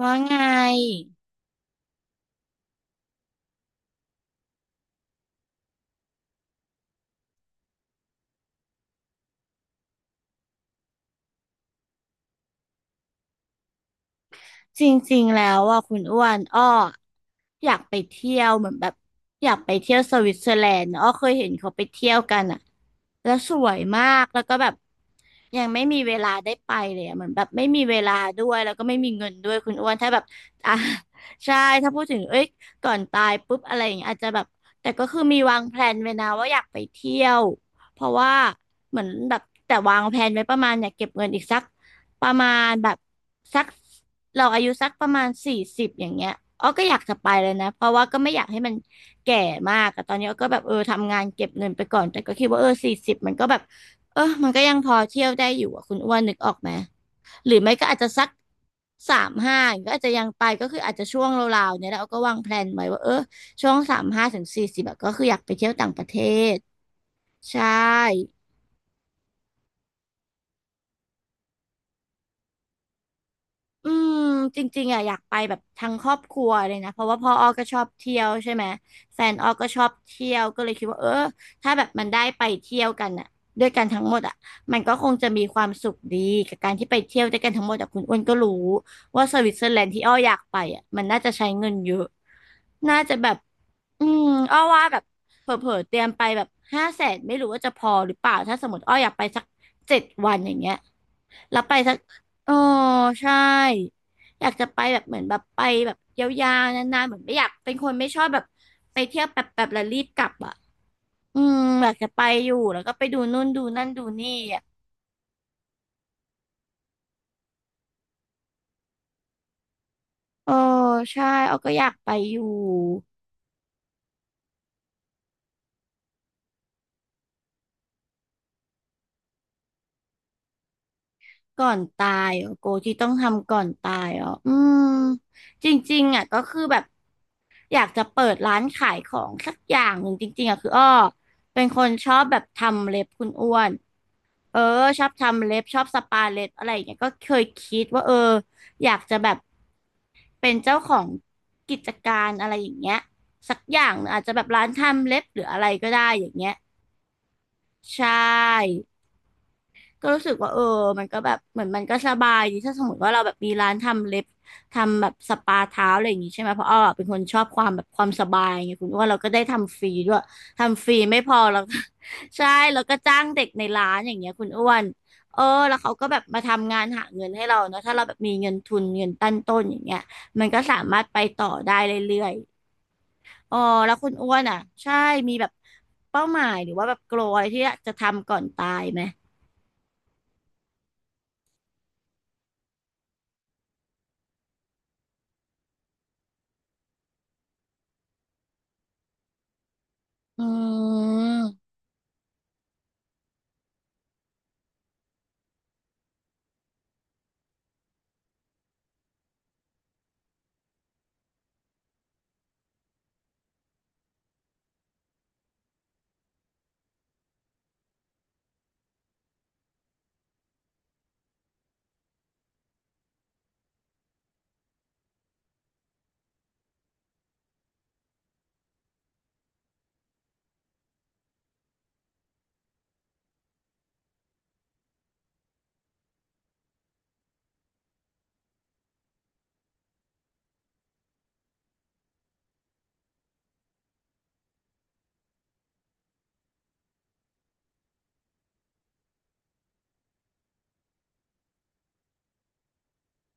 ว่าไงจริงๆแล้วอ่ะคุณอ้วนอ้ออยากไปเที่ยวเหมือนแบบอยากไปเที่ยวสวิตเซอร์แลนด์อ้อเคยเห็นเขาไปเที่ยวกันอ่ะแล้วสวยมากแล้วก็แบบ ยังไม่มีเวลาได้ไปเลยอะเหมือนแบบไม่มีเวลาด้วยแล้วก็ไม่มีเงินด้วยคุณอ้วนถ้าแบบอ่ะ ใช่ถ้าพูดถึงเอ้ยก่อนตายปุ๊บอะไรอย่างเงี้ยอาจจะแบบแต่ก็คือมีวางแพลนไว้นะว่าอยากไปเที่ยวเพราะว่าเหมือนแบบแต่วางแพลนไว้ประมาณอยากเก็บเงินอีกสักประมาณแบบสักเราอายุสักประมาณสี่สิบอย่างเงี้ยอ้อก็อยากจะไปเลยนะเพราะว่าก็ไม่อยากให้มันแก่มากแต่ตอนนี้อ้อก็แบบเออทำงานเก็บเงินไปก่อนแต่ก็คิดว่าเออสี่สิบมันก็แบบ เออมันก็ยังพอเที่ยวได้อยู่อ่ะคุณอ้วนนึกออกไหมหรือไม่ก็อาจจะสักสามห้าก็อาจจะยังไปก็คืออาจจะช่วงราวๆเนี่ยแล้วก็วางแพลนไว้ว่าเออช่วง35-40ก็คืออยากไปเที่ยวต่างประเทศใช่ อืมจริงๆอ่ะอยากไปแบบทั้งครอบครัวเลยนะเพราะว่าพ่ออ้อก็ชอบเที่ยวใช่ไหมแฟนอ้อก็ชอบเที่ยวก็เลยคิดว่าเออถ้าแบบมันได้ไปเที่ยวกันอ่ะด้วยกันทั้งหมดอ่ะมันก็คงจะมีความสุขดีกับการที่ไปเที่ยวด้วยกันทั้งหมดอ่ะคุณอ้วนก็รู้ว่าสวิตเซอร์แลนด์ที่อ้ออยากไปอ่ะมันน่าจะใช้เงินเยอะน่าจะแบบ อืมอ้อว่าแบบเผลอๆเตรียมไปแบบ500,000ไม่รู้ว่าจะพอหรือเปล่าถ้าสมมติอ้ออยากไปสัก7 วันอย่างเงี้ยแล้วไปสักโอ้ใช่อยากจะไปแบบเหมือนแบบไปแบบยาวๆนานๆเหมือนไม่อยากเป็นคนไม่ชอบแบบไปเที่ยวแบบแบบแล้วรีบกลับอ่ะอืมอยากจะไปอยู่แล้วก็ไปดูนู่นดูนั่นดูนี่อ่ะโอ้ใช่อ้อก็อยากไปอยู่ก่อนตายอ๋อโกที่ต้องทำก่อนตายอ๋ออืมจริงๆอ่ะก็คือแบบ อยากจะเปิดร้านขายของสักอย่างหนึ่งจริงๆอะคืออ้อเป็นคนชอบแบบทำเล็บคุณอ้วนเออชอบทำเล็บชอบสปาเล็บอะไรอย่างเงี้ยก็เคยคิดว่าเอออยากจะแบบเป็นเจ้าของกิจการอะไรอย่างเงี้ยสักอย่างหนึ่งอาจจะแบบร้านทำเล็บหรืออะไรก็ได้อย่างเงี้ยใช่ ก็รู้สึกว่าเออมันก็แบบเหมือนมันก็สบายดีถ้าสมมติว่าเราแบบมีร้านทำเล็บทำแบบสปาเท้าอะไรอย่างงี้ใช่ไหมเพราะอ้อเป็นคนชอบความแบบความสบายไงคุณว่าเราก็ได้ทำฟรีด้วยทำฟรีไม่พอเรา ใช่แล้วก็จ้างเด็กในร้านอย่างเงี้ยคุณอ้วนเออแล้วเขาก็แบบมาทำงานหาเงินให้เราเนาะถ้าเราแบบมีเงินทุนเงินตั้งต้นอย่างเงี้ยมันก็สามารถไปต่อได้เรื่อยๆอ๋อแล้วคุณอ้วนอ่ะใช่มีแบบเป้าหมายหรือว่าแบบโกลอะไรที่อยากจะทำก่อนตายไหมอืม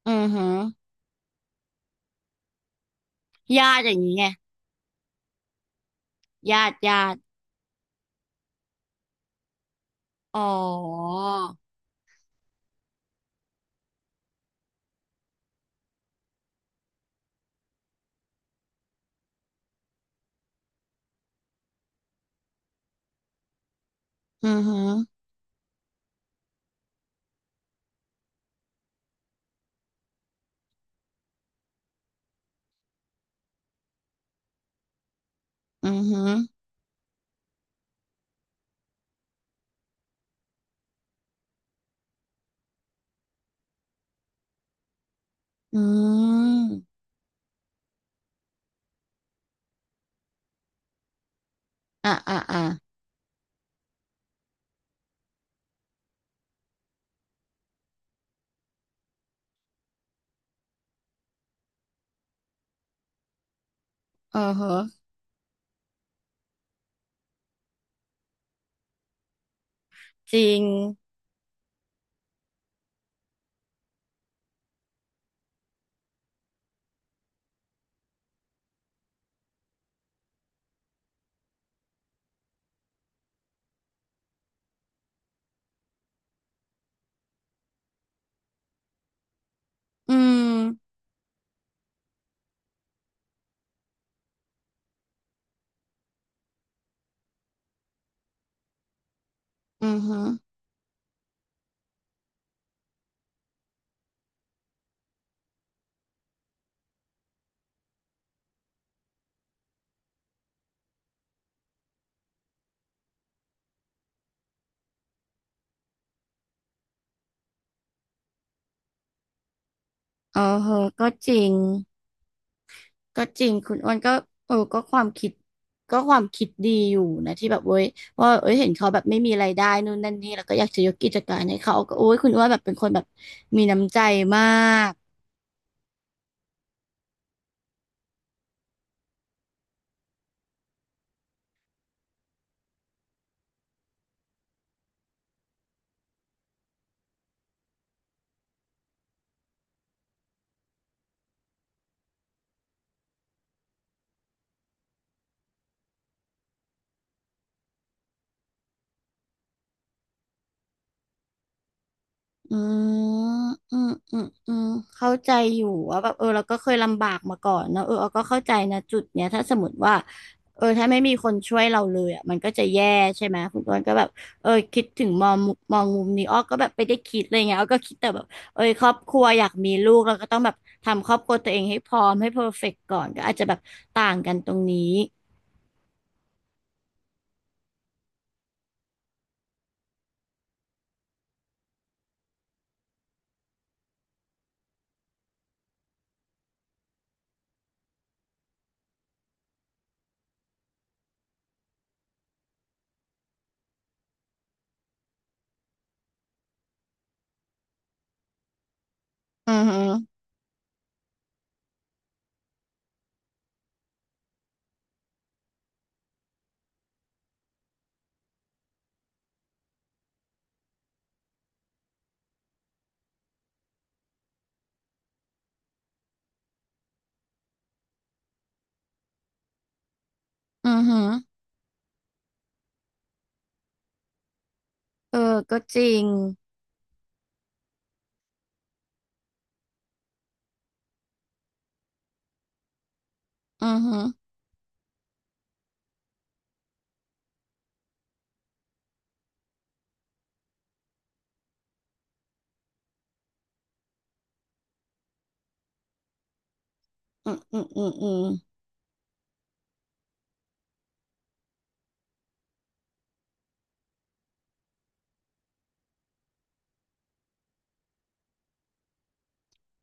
อือหือญาติอย่างนี้ไงญาติอ๋ออือหืออือหืออืมอ่ะอ่ะอ่ะเออเหอะจริงอืมอือหือเออเหอะก็จริงก็จริงคุณอ้วนก็เออก็ความคิดก็ความคิดดีอยู่นะที่แบบเว้ยว่าเอ้ยเห็นเขาแบบไม่มีรายได้นู่นนั่นนี่แล้วก็อยากจะยกกิจการให้เขาก็โอ้ยคุณอ้วนแบบเป็นคนแบบมีน้ำใจมาก อืมอืมอืมอืมเข้าใจอยู่ว่าแบบเออเราก็เคยลำบากมาก่อนเนอะเออเราก็เข้าใจนะจุดเนี้ยถ้าสมมติว่าเออถ้าไม่มีคนช่วยเราเลยอ่ะมันก็จะแย่ใช่ไหมคุณอ้วนก็แบบเออคิดถึงมองมุมนี้อ้อก็แบบไปได้คิดอะไรเงี้ยอ้อก็คิดแต่แบบเออครอบครัวอยากมีลูกเราก็ต้องแบบทำครอบครัวตัวเองให้พร้อมให้เพอร์เฟกต์ก่อนก็อาจจะแบบต่างกันตรงนี้อือหืออือหือเออก็จริงอือหืออืมอืมอืมอืม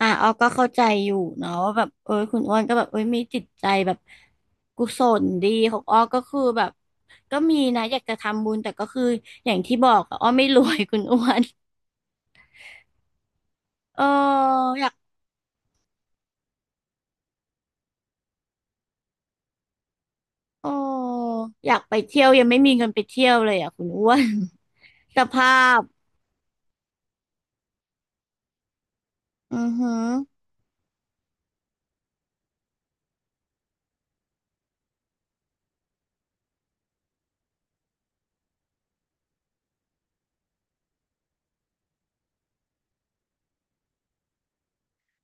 อ่ะออกก็เข้าใจอยู่เนาะว่าแบบเออคุณอ้วนก็แบบเอ้ยมีจิตใจแบบกุศลดีของอ้อกก็คือแบบก็มีนะอยากจะทำบุญแต่ก็คืออย่างที่บอกอะอ้อไม่รวย คุณอ้วนเอออยากเอออยากไปเที่ยวยังไม่มีเงินไปเที่ยวเลยอ่ะคุณอ้วน สภาพอือหือ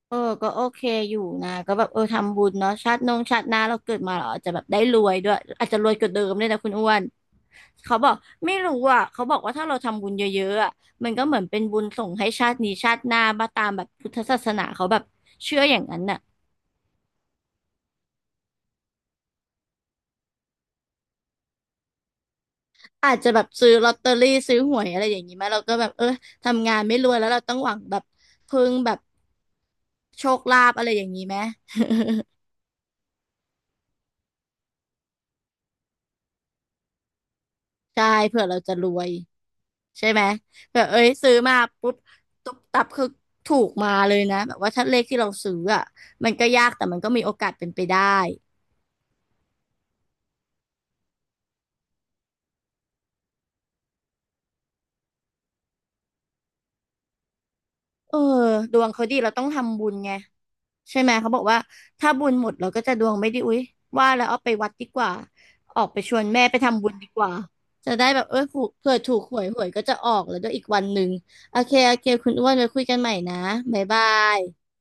เออก็โอเคอยู่นะก็แบบเออทำบุญเนาะชาตินงชาติหน้าเราเกิดมาเราอาจจะแบบได้รวยด้วยอาจจะรวยกว่าเดิมเลยนะคุณอ้วน เขาบอกไม่รู้อ่ะเขาบอกว่าถ้าเราทำบุญเยอะๆอ่ะมันก็เหมือนเป็นบุญส่งให้ชาตินี้ชาติหน้ามาตามแบบพุทธศาสนาเขาแบบเชื่ออย่างนั้นน่ะอาจจะแบบซื้อลอตเตอรี่ซื้อหวยอะไรอย่างนี้ไหมเราก็แบบเออทำงานไม่รวยแล้วเราต้องหวังแบบพึ่งแบบโชคลาภอะไรอย่างนี้ไหมใช่เผื่อเราจะรวยใช่ไหมแบบเอ้ยซื้อมาปุ๊บตุ๊บตับคือถูกมาเลยนะแบบว่าถ้าเลขที่เราซื้ออ่ะมันก็ยากแต่มันก็มีโอกาสเป็นไปได้เออดวงเขาดีเราต้องทำบุญไง ใช่ไหมเขาบอกว่าถ้าบุญหมดเราก็จะดวงไม่ดีอุ๊ยว่าแล้วเอาไปวัดดีกว่าออกไปชวนแม่ไปทำบุญดีกว่าจะได้แบบเออถูกเผื่อถูกหวยหวยก็จะออกแล้วด้วยอีกวันหนึ่งโอเคโอเคคุณอ้วนไว้คุยกันใหม่นะบ๊ายบาย